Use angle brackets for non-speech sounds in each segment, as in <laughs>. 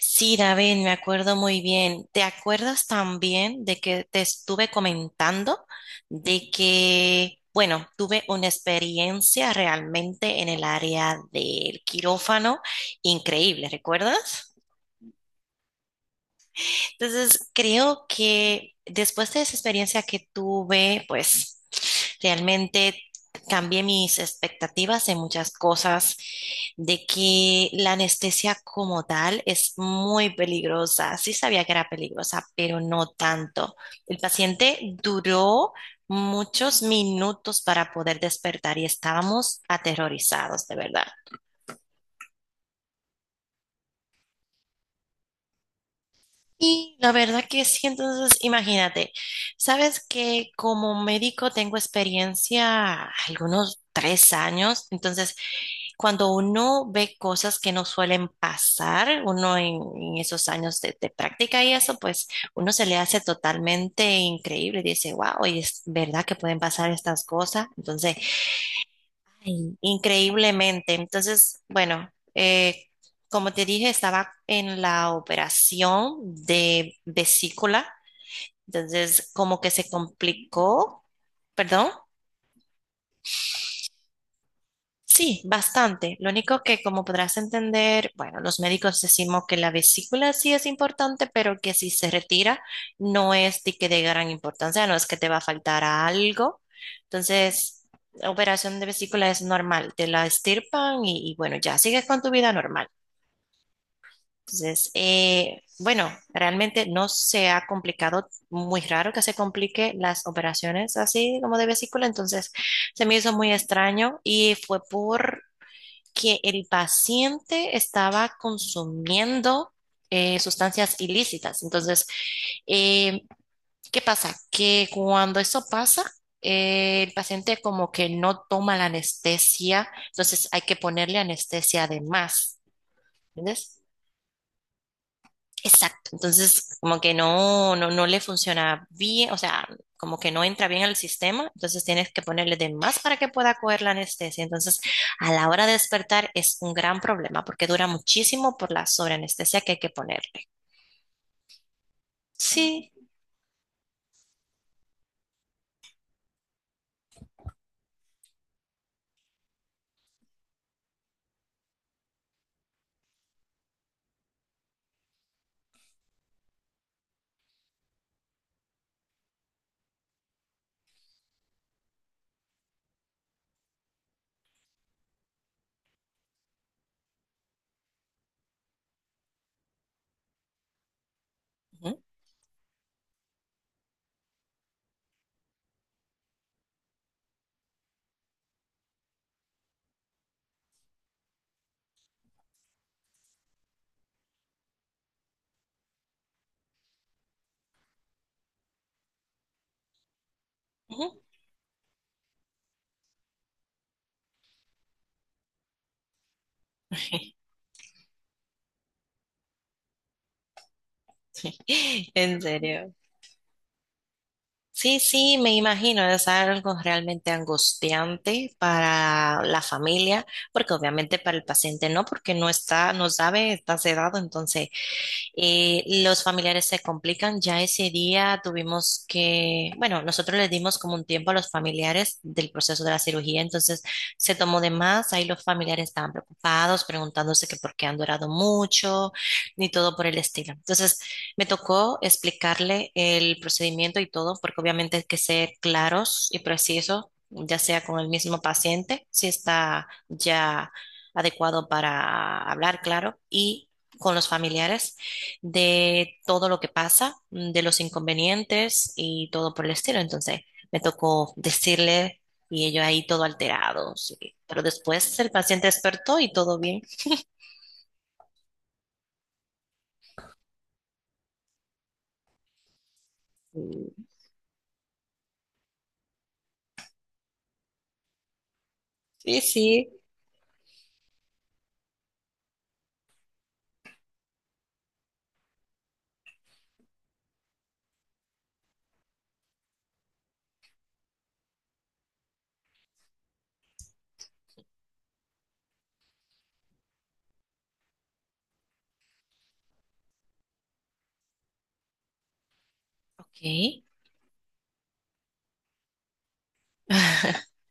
Sí, David, me acuerdo muy bien. ¿Te acuerdas también de que te estuve comentando de que, bueno, tuve una experiencia realmente en el área del quirófano increíble, ¿recuerdas? Entonces, creo que después de esa experiencia que tuve, pues... Realmente cambié mis expectativas en muchas cosas, de que la anestesia como tal es muy peligrosa. Sí sabía que era peligrosa, pero no tanto. El paciente duró muchos minutos para poder despertar y estábamos aterrorizados, de verdad. Y la verdad que sí, entonces imagínate, sabes que como médico tengo experiencia algunos 3 años. Entonces, cuando uno ve cosas que no suelen pasar, uno en esos años de práctica y eso, pues uno se le hace totalmente increíble. Dice, wow, y es verdad que pueden pasar estas cosas. Entonces, ay, increíblemente. Entonces, bueno, eh, como te dije, estaba en la operación de vesícula. Entonces, como que se complicó, perdón. Sí, bastante. Lo único que, como podrás entender, bueno, los médicos decimos que la vesícula sí es importante, pero que si se retira no es de que de gran importancia, no es que te va a faltar algo. Entonces, la operación de vesícula es normal, te la extirpan y bueno, ya sigues con tu vida normal. Entonces, bueno, realmente no se ha complicado, muy raro que se complique las operaciones así como de vesícula. Entonces, se me hizo muy extraño y fue por que el paciente estaba consumiendo sustancias ilícitas. Entonces, eh, ¿qué pasa? Que cuando eso pasa, el paciente como que no toma la anestesia, entonces hay que ponerle anestesia además, ¿entiendes? Exacto. Entonces, como que no le funciona bien, o sea, como que no entra bien al sistema, entonces tienes que ponerle de más para que pueda coger la anestesia. Entonces, a la hora de despertar es un gran problema porque dura muchísimo por la sobreanestesia que hay que ponerle. Sí. Ujú, ujú. <laughs> En serio. Sí, sí, me imagino, es algo realmente angustiante para la familia, porque obviamente para el paciente no, porque no está, no sabe, está sedado. Entonces, los familiares se complican. Ya ese día tuvimos que, bueno, nosotros les dimos como un tiempo a los familiares del proceso de la cirugía, entonces se tomó de más. Ahí los familiares estaban preocupados, preguntándose que por qué han durado mucho, ni todo por el estilo. Entonces me tocó explicarle el procedimiento y todo, porque obviamente hay que ser claros y precisos, ya sea con el mismo paciente, si está ya adecuado para hablar, claro, y con los familiares de todo lo que pasa, de los inconvenientes y todo por el estilo. Entonces me tocó decirle y ellos ahí todo alterado. Pero después el paciente despertó y todo bien. Mm, sí, sí. Ok. <laughs>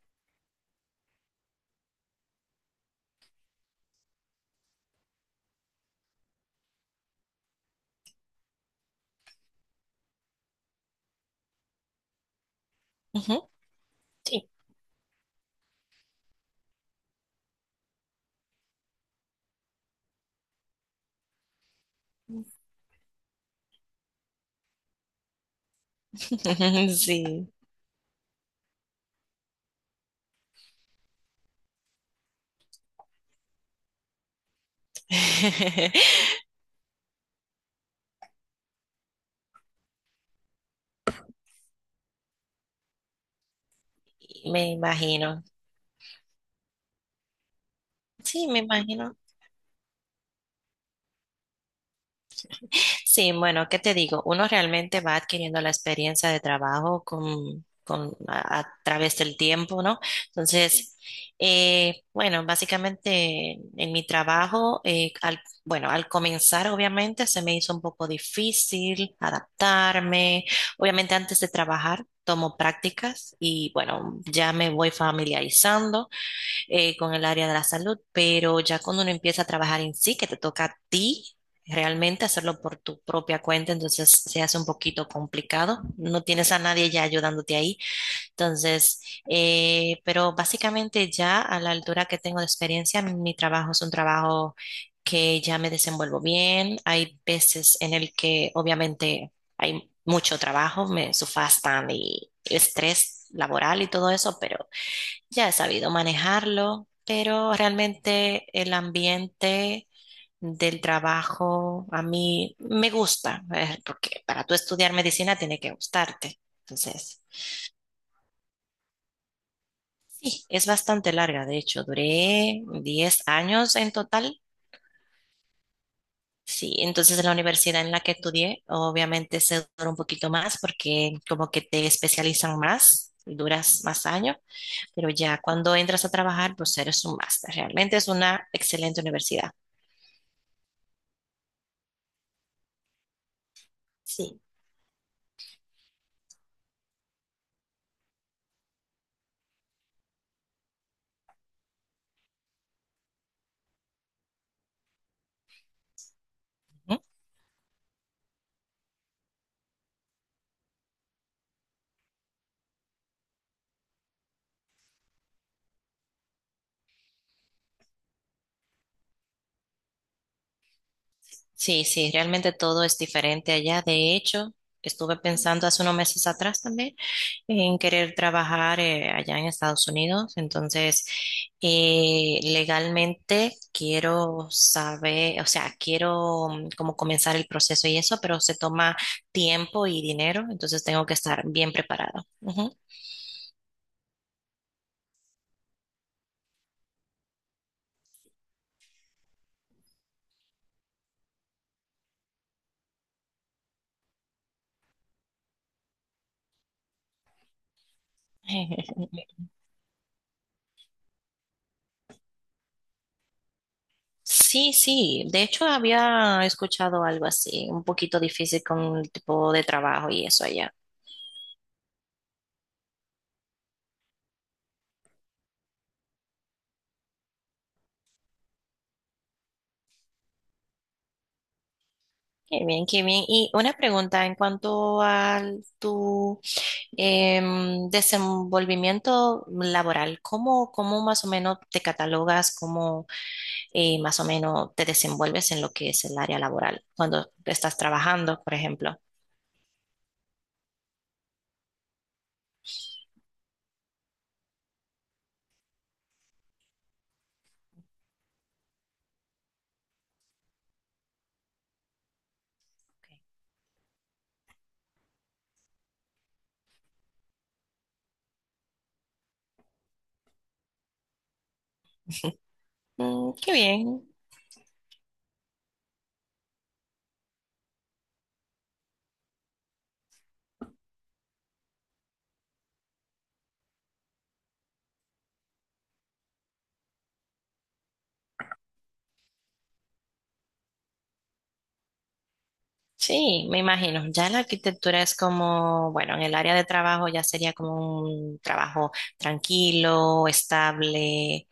Ujú, sí. <laughs> Sí. <laughs> Me imagino. Sí, me imagino. Sí, bueno, ¿qué te digo? Uno realmente va adquiriendo la experiencia de trabajo a través del tiempo, ¿no? Entonces, bueno, básicamente en mi trabajo, bueno, al comenzar obviamente se me hizo un poco difícil adaptarme. Obviamente antes de trabajar tomo prácticas y bueno, ya me voy familiarizando con el área de la salud, pero ya cuando uno empieza a trabajar en sí, que te toca a ti realmente hacerlo por tu propia cuenta, entonces se hace un poquito complicado, no tienes a nadie ya ayudándote ahí. Entonces, pero básicamente ya a la altura que tengo de experiencia, mi trabajo es un trabajo que ya me desenvuelvo bien, hay veces en el que obviamente hay mucho trabajo, me sufastan y estrés laboral y todo eso, pero ya he sabido manejarlo, pero realmente el ambiente del trabajo a mí me gusta, porque para tú estudiar medicina tiene que gustarte. Entonces, sí, es bastante larga, de hecho, duré 10 años en total. Sí, entonces en la universidad en la que estudié, obviamente se dura un poquito más porque como que te especializan más, duras más años, pero ya cuando entras a trabajar, pues eres un máster. Realmente es una excelente universidad. Sí. Ujú. Sí, sí, realmente todo es diferente allá. De hecho, estuve pensando hace unos meses atrás también en querer trabajar allá en Estados Unidos. Entonces, legalmente quiero saber, o sea, quiero como comenzar el proceso y eso, pero se toma tiempo y dinero, entonces tengo que estar bien preparada. Ujú. <laughs> Sí, sí, de hecho había escuchado algo así, un poquito difícil con el tipo de trabajo y eso allá. Qué bien, qué bien. Y una pregunta en cuanto a tu desenvolvimiento laboral, ¿cómo, cómo más o menos te catalogas, cómo más o menos te desenvuelves en lo que es el área laboral cuando estás trabajando, por ejemplo? Mm, qué bien. Sí, me imagino. Ya la arquitectura es como, bueno, en el área de trabajo ya sería como un trabajo tranquilo, estable.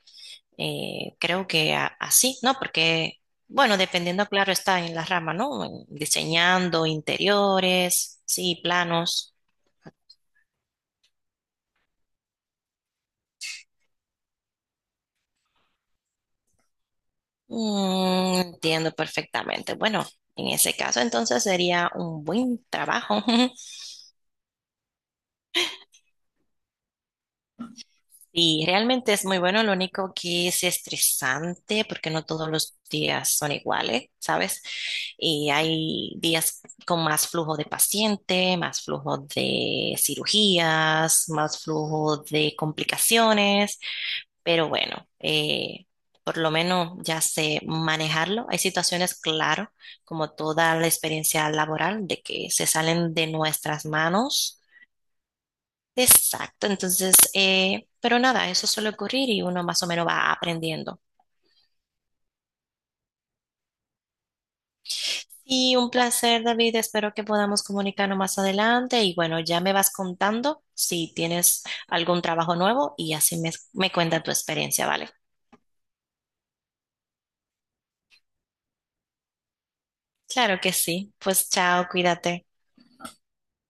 Creo que así, ¿no? Porque, bueno, dependiendo, claro, está en la rama, ¿no? En diseñando interiores, sí, planos. Mm, entiendo perfectamente. Bueno, en ese caso, entonces sería un buen trabajo. <laughs> Sí, realmente es muy bueno, lo único que es estresante porque no todos los días son iguales, ¿sabes? Y hay días con más flujo de paciente, más flujo de cirugías, más flujo de complicaciones, pero bueno, por lo menos ya sé manejarlo. Hay situaciones, claro, como toda la experiencia laboral, de que se salen de nuestras manos. Exacto, entonces, pero nada, eso suele ocurrir y uno más o menos va aprendiendo. Y un placer, David, espero que podamos comunicarnos más adelante y bueno, ya me vas contando si tienes algún trabajo nuevo y así me cuenta tu experiencia, ¿vale? Claro que sí, pues chao, cuídate.